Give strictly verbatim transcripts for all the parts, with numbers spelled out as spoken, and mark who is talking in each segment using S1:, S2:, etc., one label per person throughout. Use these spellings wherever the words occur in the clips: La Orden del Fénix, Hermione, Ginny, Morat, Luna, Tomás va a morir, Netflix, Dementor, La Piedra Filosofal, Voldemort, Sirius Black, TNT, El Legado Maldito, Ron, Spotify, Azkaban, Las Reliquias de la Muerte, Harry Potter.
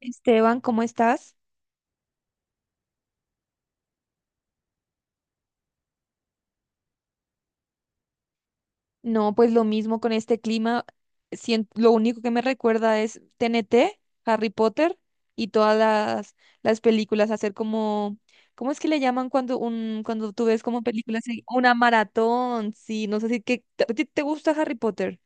S1: Esteban, ¿cómo estás? No, pues lo mismo con este clima. Sien- lo único que me recuerda es T N T, Harry Potter y todas las, las películas. Hacer como, ¿cómo es que le llaman cuando un, cuando tú ves como películas? en- Una maratón, sí, no sé si que, ¿te, ¿a ti te gusta Harry Potter?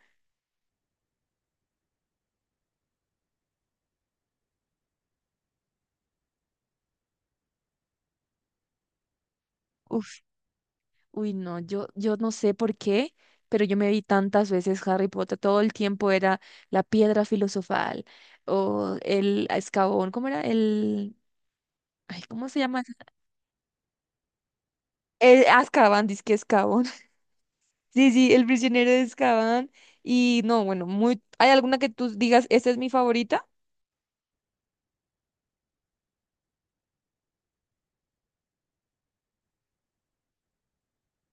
S1: Uf, uy, no, yo, yo no sé por qué, pero yo me vi tantas veces Harry Potter. Todo el tiempo era la piedra filosofal o el escabón, ¿cómo era? El, ay, ¿cómo se llama? El Azkaban, dice que Azkaban. Sí, sí, el prisionero de Azkaban. Y no, bueno, muy... ¿Hay alguna que tú digas, esta es mi favorita?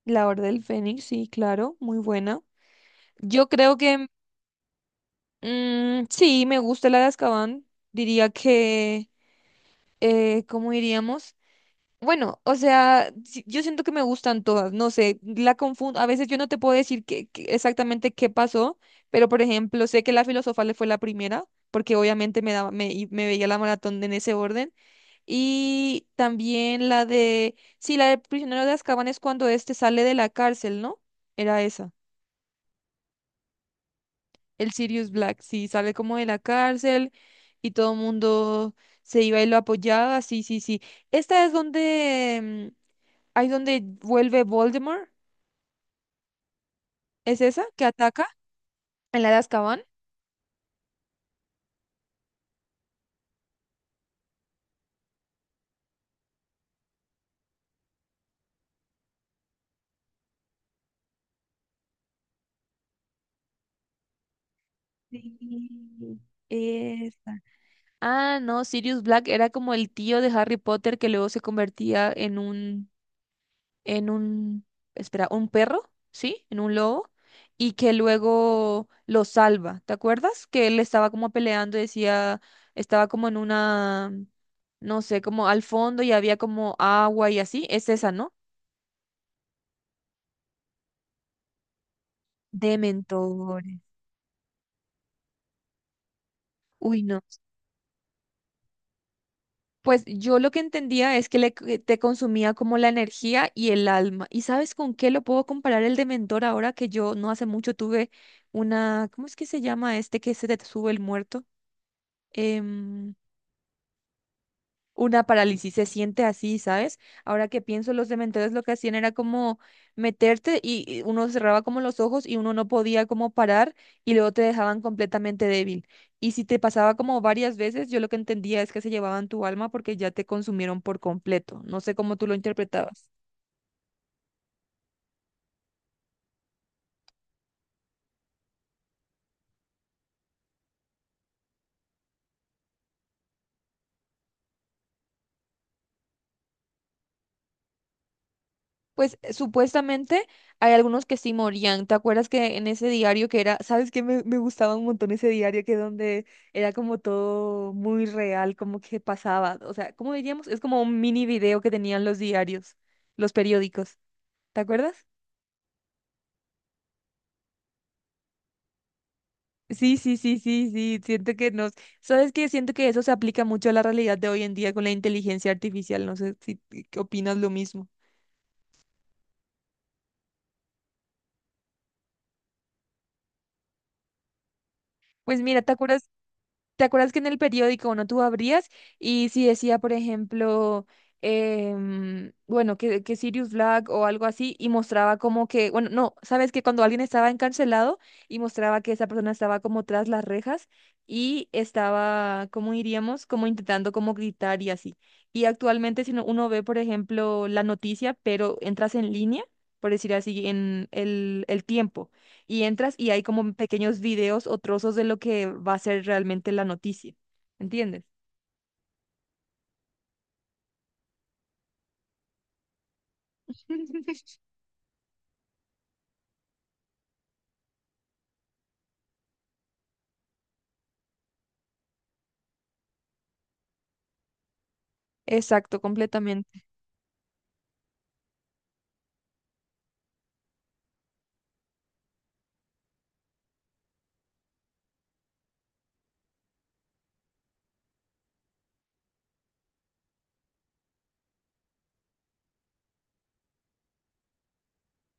S1: La Orden del Fénix, sí, claro, muy buena. Yo creo que mm, sí, me gusta la de Azkaban. Diría que, eh, ¿cómo diríamos? Bueno, o sea, sí, yo siento que me gustan todas, no sé, la confundo, a veces yo no te puedo decir qué- qué- exactamente qué pasó, pero por ejemplo, sé que la filosofal fue la primera, porque obviamente me daba, me, y me veía la maratón en ese orden. Y también la de, sí, la de Prisionero de Azkaban es cuando este sale de la cárcel, ¿no? Era esa, el Sirius Black, sí, sale como de la cárcel y todo el mundo se iba y lo apoyaba, sí, sí, sí. Esta es donde, mm, ahí donde vuelve Voldemort, ¿es esa que ataca en la de Azkaban? Sí, esa. Ah, no, Sirius Black era como el tío de Harry Potter que luego se convertía en un en un, espera, un perro, ¿sí? En un lobo, y que luego lo salva. ¿Te acuerdas? Que él estaba como peleando, y decía, estaba como en una, no sé, como al fondo y había como agua y así. Es esa, ¿no? Dementores. Uy, no. Pues yo lo que entendía es que le, que te consumía como la energía y el alma. ¿Y sabes con qué lo puedo comparar el dementor ahora que yo no hace mucho tuve una, ¿cómo es que se llama este que se te sube el muerto? Em, una parálisis, se siente así, ¿sabes? Ahora que pienso, los cementerios lo que hacían era como meterte y y uno cerraba como los ojos y uno no podía como parar y luego te dejaban completamente débil. Y si te pasaba como varias veces, yo lo que entendía es que se llevaban tu alma porque ya te consumieron por completo. No sé cómo tú lo interpretabas. Pues eh, supuestamente hay algunos que sí morían. ¿Te acuerdas que en ese diario que era, sabes que me, me gustaba un montón ese diario que donde era como todo muy real, como que pasaba? O sea, ¿cómo diríamos? Es como un mini video que tenían los diarios, los periódicos. ¿Te acuerdas? Sí, sí, sí, sí, sí. Siento que nos, sabes que siento que eso se aplica mucho a la realidad de hoy en día con la inteligencia artificial. No sé si si opinas lo mismo. Pues mira, ¿te acuerdas? ¿Te acuerdas que en el periódico, no tú abrías y si decía, por ejemplo, em, bueno, que, que Sirius Black o algo así y mostraba como que, bueno, no, sabes que cuando alguien estaba encarcelado y mostraba que esa persona estaba como tras las rejas y estaba, ¿cómo diríamos? Como intentando como gritar y así. Y actualmente si no- uno ve, por ejemplo, la noticia, pero entras en línea, por decir así, en el, el tiempo y entras y hay como pequeños videos o trozos de lo que va a ser realmente la noticia. ¿Entiendes? Exacto, completamente.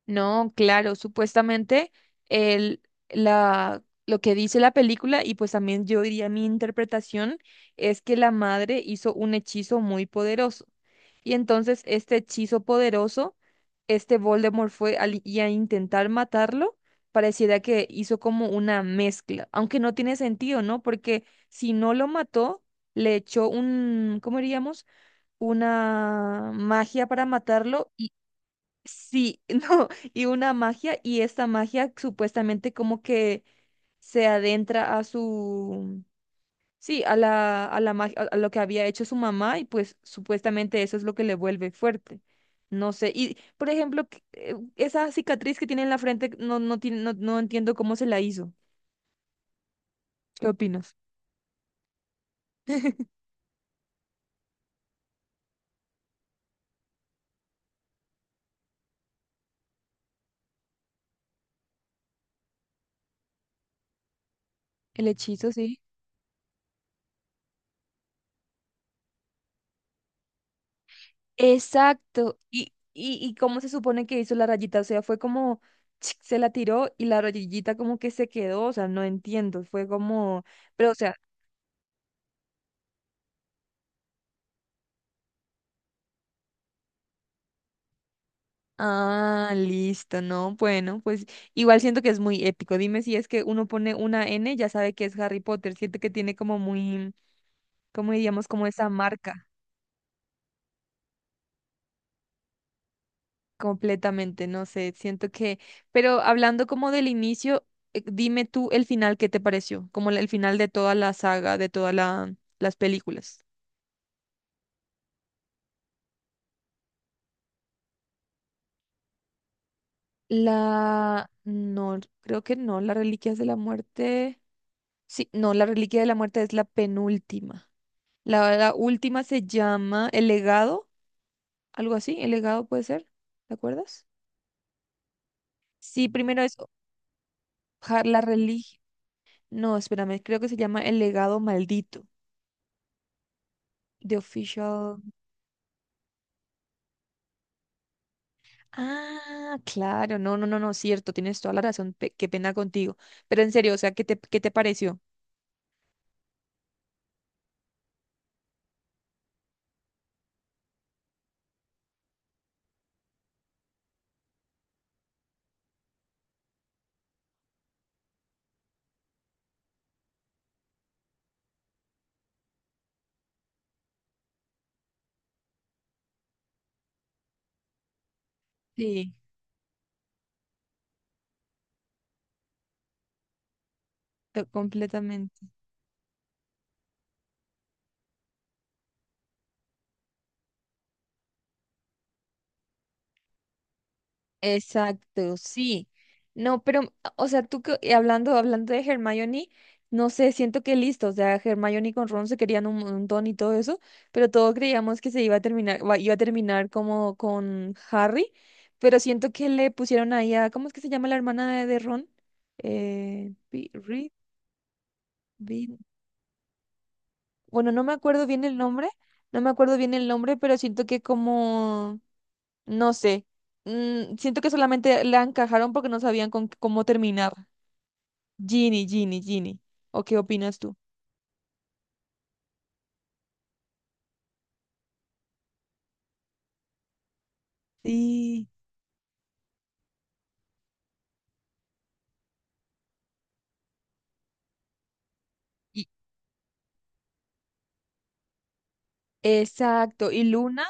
S1: No, claro, supuestamente el, la, lo que dice la película y pues también yo diría mi interpretación es que la madre hizo un hechizo muy poderoso. Y entonces este hechizo poderoso, este Voldemort fue al- y a intentar matarlo, pareciera que hizo como una mezcla, aunque no tiene sentido, ¿no? Porque si no lo mató, le echó un, ¿cómo diríamos? Una magia para matarlo y sí, no, y una magia y esta magia supuestamente como que se adentra a su sí, a la, a la, mag- a a lo que había hecho su mamá y pues supuestamente eso es lo que le vuelve fuerte. No sé, y por ejemplo, que- eh, esa cicatriz que tiene en la frente, no, no, tiene, no, no entiendo cómo se la hizo. ¿Qué opinas? El hechizo, sí. Exacto. ¿Y, y, y cómo se supone que hizo la rayita? O sea, fue como se la tiró y la rayita como que se quedó, o sea, no entiendo, fue como, pero o sea, ah, listo, no, bueno, pues igual siento que es muy épico. Dime si es que uno pone una N, ya sabe que es Harry Potter, siento que tiene como muy, como diríamos, como esa marca completamente, no sé, siento que, pero hablando como del inicio, eh, dime tú el final, ¿qué te pareció? Como la- el final de toda la saga, de todas las películas. La, no, creo que no, la Reliquias de la Muerte, sí, no, la Reliquia de la Muerte es la penúltima. La, la última se llama El Legado, algo así, El Legado puede ser, ¿te acuerdas? Sí, primero es ja- la religión. No, espérame, creo que se llama El Legado Maldito, The Official. Ah, claro, no, no, no, no, cierto, tienes toda la razón, pe- qué pena contigo. Pero en serio, o sea, ¿qué te, qué te pareció? Sí, to- completamente. Exacto, sí. No, pero, o sea, tú que- y hablando, hablando de Hermione, no sé, siento que listo, o sea, Hermione con Ron se querían un montón y todo eso, pero todos creíamos que se iba a terminar, va- iba a terminar como con Harry, pero siento que le pusieron ahí a, ¿cómo es que se llama la hermana de, de Ron? Eh, Vi- Reed, Vi- bueno, no me acuerdo bien el nombre, no me acuerdo bien el nombre, pero siento que como no sé. Mm, siento que solamente la encajaron porque no sabían con cómo terminar. Ginny, Ginny, Ginny. ¿O qué opinas tú? Sí. y- exacto. ¿Y Luna?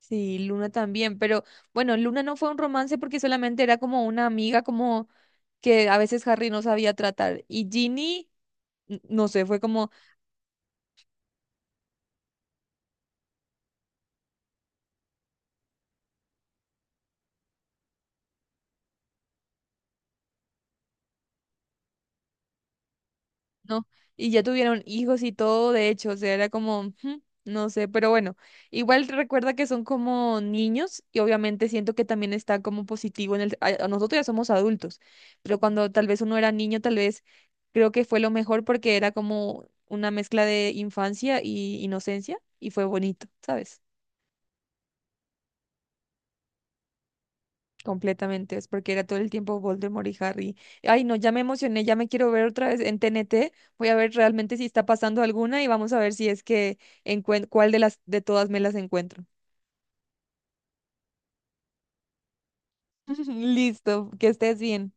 S1: Sí, Luna también. Pero bueno, Luna no fue un romance porque solamente era como una amiga, como que a veces Harry no sabía tratar. Y Ginny, n- no sé, fue como no, y ya tuvieron hijos y todo, de hecho, o sea, era como, "Ujú, no sé, pero bueno, igual recuerda que son como niños y obviamente siento que también está como positivo en el, a- a nosotros ya somos adultos, pero cuando tal vez uno era niño, tal vez creo que fue lo mejor porque era como una mezcla de infancia y inocencia y fue bonito, ¿sabes? Completamente, es porque era todo el tiempo Voldemort y Harry. Ay, no, ya me emocioné, ya me quiero ver otra vez en T N T. Voy a ver realmente si está pasando alguna y vamos a ver si es que encuentro cuál de las de todas me las encuentro. Listo, que estés bien.